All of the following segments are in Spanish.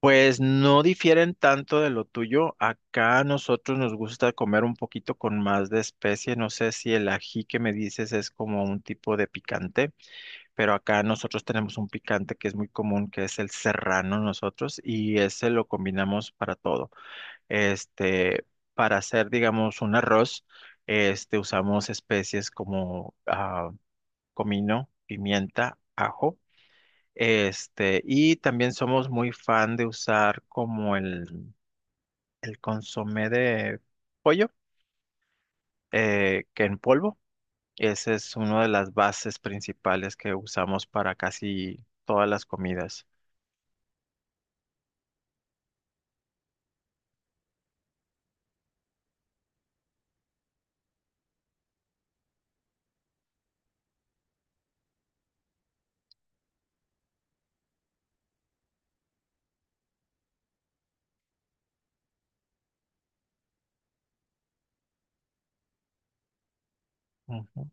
Pues no difieren tanto de lo tuyo. Acá a nosotros nos gusta comer un poquito con más de especie. No sé si el ají que me dices es como un tipo de picante, pero acá nosotros tenemos un picante que es muy común, que es el serrano nosotros, y ese lo combinamos para todo. Este, para hacer, digamos, un arroz, este, usamos especies como comino, pimienta, ajo. Este, y también somos muy fan de usar como el consomé de pollo, que en polvo. Esa es una de las bases principales que usamos para casi todas las comidas. Ujú.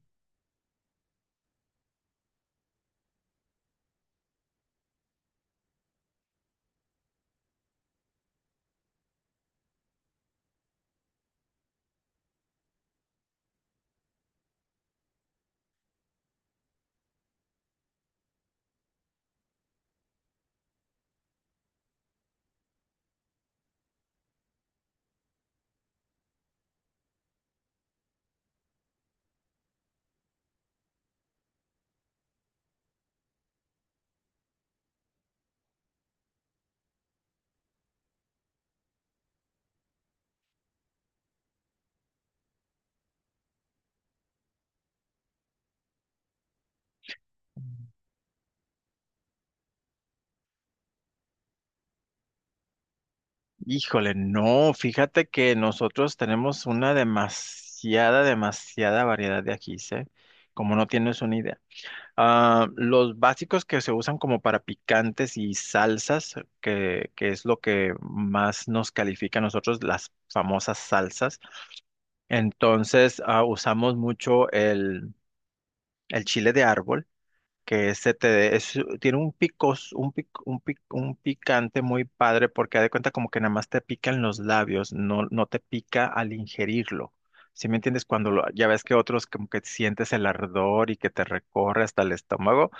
Híjole, no, fíjate que nosotros tenemos una demasiada variedad de ajís, ¿eh? Como no tienes una idea. Ah, los básicos que se usan como para picantes y salsas, que es lo que más nos califica a nosotros, las famosas salsas. Entonces, usamos mucho el chile de árbol, que ese te- de- es- tiene un picos, un, pic- un, pic- un picante muy padre, porque haz de cuenta como que nada más te pica en los labios, no, no te pica al ingerirlo. ¿Sí me entiendes? Ya ves que otros como que sientes el ardor y que te recorre hasta el estómago.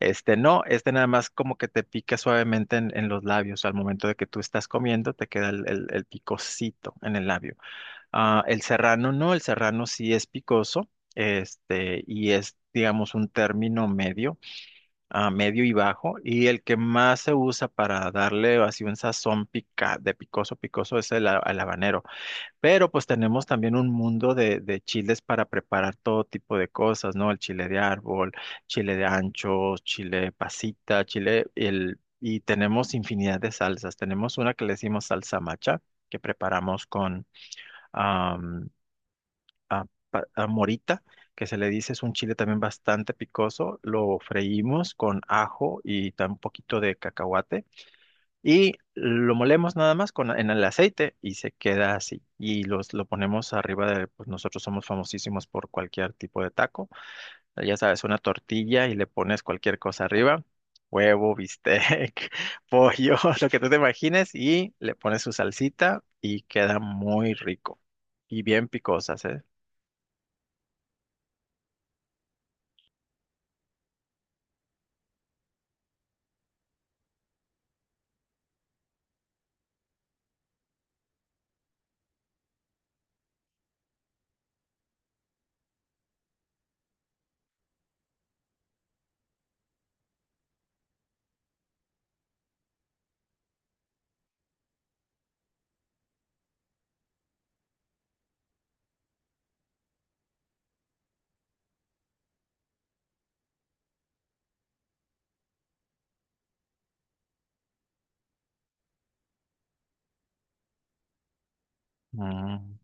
Este no, este nada más como que te pica suavemente en los labios. Al momento de que tú estás comiendo, te queda el picocito en el labio. Ah, el serrano no, el serrano sí es picoso, este, y es, digamos, un término medio, ah, medio y bajo. Y el que más se usa para darle así un sazón pica, de picoso, picoso es el habanero. Pero pues tenemos también un mundo de chiles para preparar todo tipo de cosas, ¿no? El chile de árbol, chile de ancho, chile pasita, chile, el, y tenemos infinidad de salsas. Tenemos una que le decimos salsa macha, que preparamos con am, a- a morita, que se le dice es un chile también bastante picoso. Lo freímos con ajo y un poquito de cacahuate. Y lo molemos nada más con, en el aceite y se queda así. Y lo ponemos arriba de, pues nosotros somos famosísimos por cualquier tipo de taco. Ya sabes, una tortilla y le pones cualquier cosa arriba, huevo, bistec, pollo, lo que tú te imagines y le pones su salsita y queda muy rico. Y bien picosas, ¿eh? Mm.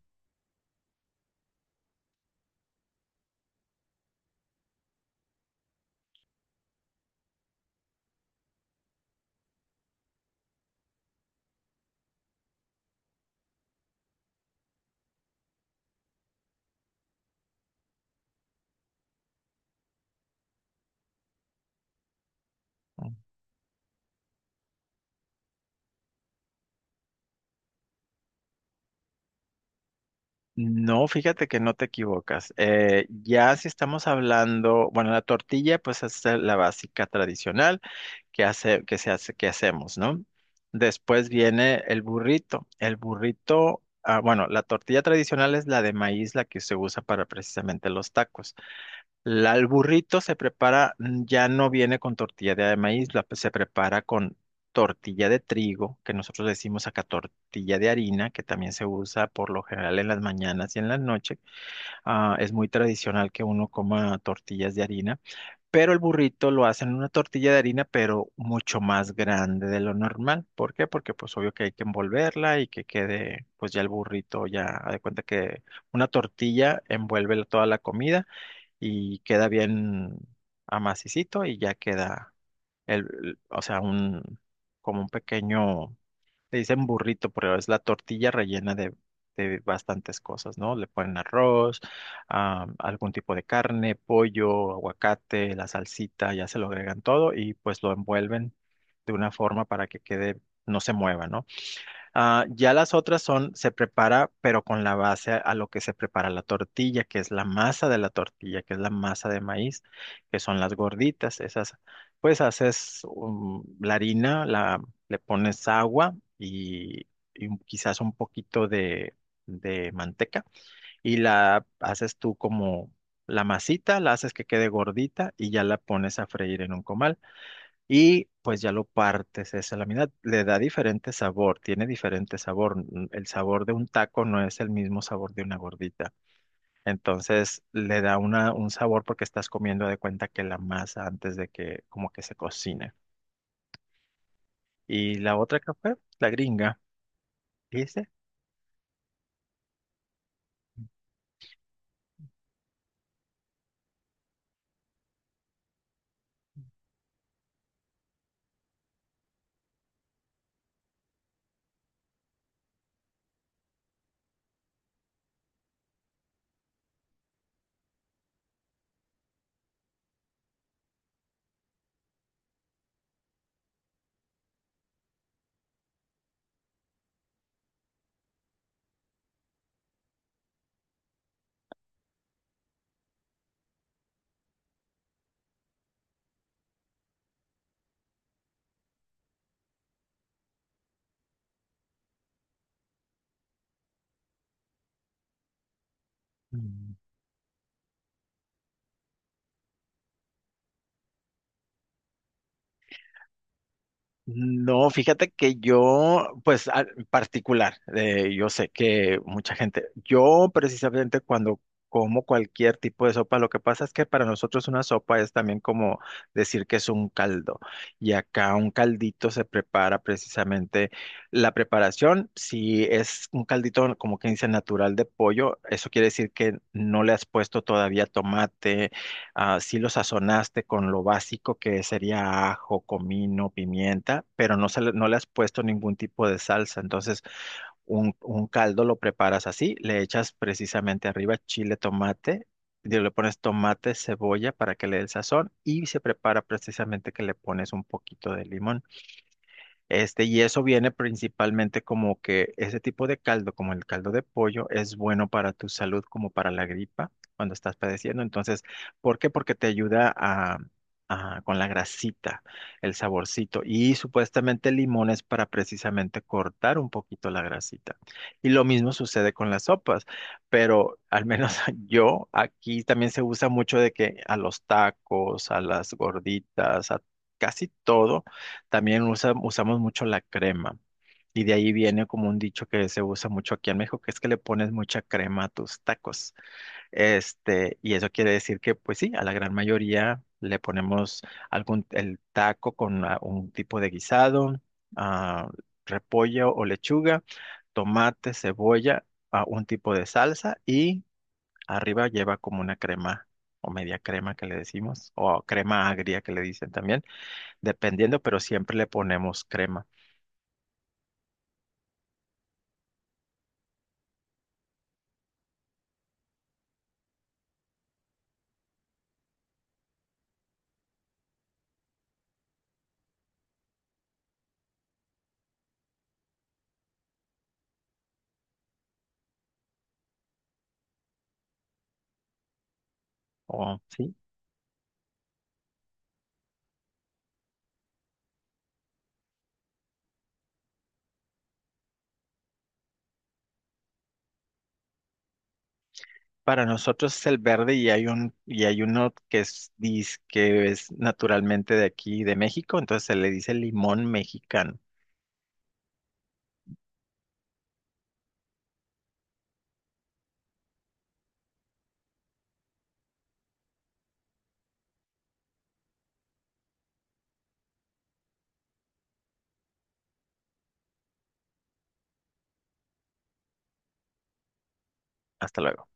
Mm. No, fíjate que no te equivocas. Ya si estamos hablando, bueno, la tortilla pues es la básica tradicional, que hace, que se hace, que hacemos, ¿no? Después viene el burrito. El burrito, ah, bueno, la tortilla tradicional es la de maíz, la que se usa para precisamente los tacos. La, el burrito se prepara, mm, ya no viene con tortilla de maíz, la, se prepara con tortilla de trigo, que nosotros decimos acá tortilla de harina, que también se usa por lo general en las mañanas y en las noches. Ah, es muy tradicional que uno coma tortillas de harina. Pero el burrito lo hacen en una tortilla de harina, pero mucho más grande de lo normal. ¿Por qué? Porque pues obvio que hay que envolverla y que quede pues ya el burrito, ya haz de cuenta que una tortilla envuelve toda la comida y queda bien amacicito y ya queda o sea, un como un pequeño le dicen burrito, pero es la tortilla rellena de bastantes cosas, ¿no? Le ponen arroz, ah, algún tipo de carne, pollo, aguacate, la salsita, ya se lo agregan todo y pues lo envuelven de una forma para que quede, no se mueva, ¿no? Ah, ya las otras son, se prepara, pero con la base a lo que se prepara la tortilla, que es la masa de la tortilla, que es la masa de maíz, que son las gorditas. Esas, pues haces la harina, la, le pones agua y quizás un poquito de manteca y la haces tú como la masita, la haces que quede gordita y ya la pones a freír en un comal. Y pues ya lo partes esa lámina, le da diferente sabor, tiene diferente sabor. El sabor de un taco no es el mismo sabor de una gordita. Entonces le da una, un sabor porque estás comiendo de cuenta que la masa antes de que como que se cocine. Y la otra que fue, la gringa, dice. No, fíjate que yo, pues en particular, yo sé que mucha gente, yo precisamente cuando como cualquier tipo de sopa, lo que pasa es que para nosotros una sopa es también como decir que es un caldo. Y acá un caldito se prepara precisamente la preparación, si es un caldito como que dice natural de pollo, eso quiere decir que no le has puesto todavía tomate, ah, sí lo sazonaste con lo básico que sería ajo, comino, pimienta, pero no, se le, no le has puesto ningún tipo de salsa. Entonces, un caldo lo preparas así, le echas precisamente arriba chile, tomate, y le pones tomate, cebolla para que le dé el sazón y se prepara precisamente que le pones un poquito de limón. Este, y eso viene principalmente como que ese tipo de caldo, como el caldo de pollo, es bueno para tu salud como para la gripa cuando estás padeciendo. Entonces, ¿por qué? Porque te ayuda con la grasita, el saborcito. Y supuestamente el limón es para precisamente cortar un poquito la grasita. Y lo mismo sucede con las sopas, pero al menos yo aquí también se usa mucho de que a los tacos, a las gorditas, a casi todo también usamos mucho la crema. Y de ahí viene como un dicho que se usa mucho aquí en México, que es que le pones mucha crema a tus tacos. Este, y eso quiere decir que, pues sí, a la gran mayoría le ponemos algún, el taco con un tipo de guisado, ah, repollo o lechuga, tomate, cebolla, un tipo de salsa y arriba lleva como una crema o media crema que le decimos, o crema agria que le dicen también dependiendo, pero siempre le ponemos crema. O, sí. Para nosotros es el verde y hay un, y hay uno que es, que es naturalmente de aquí, de México, entonces se le dice limón mexicano. Hasta luego.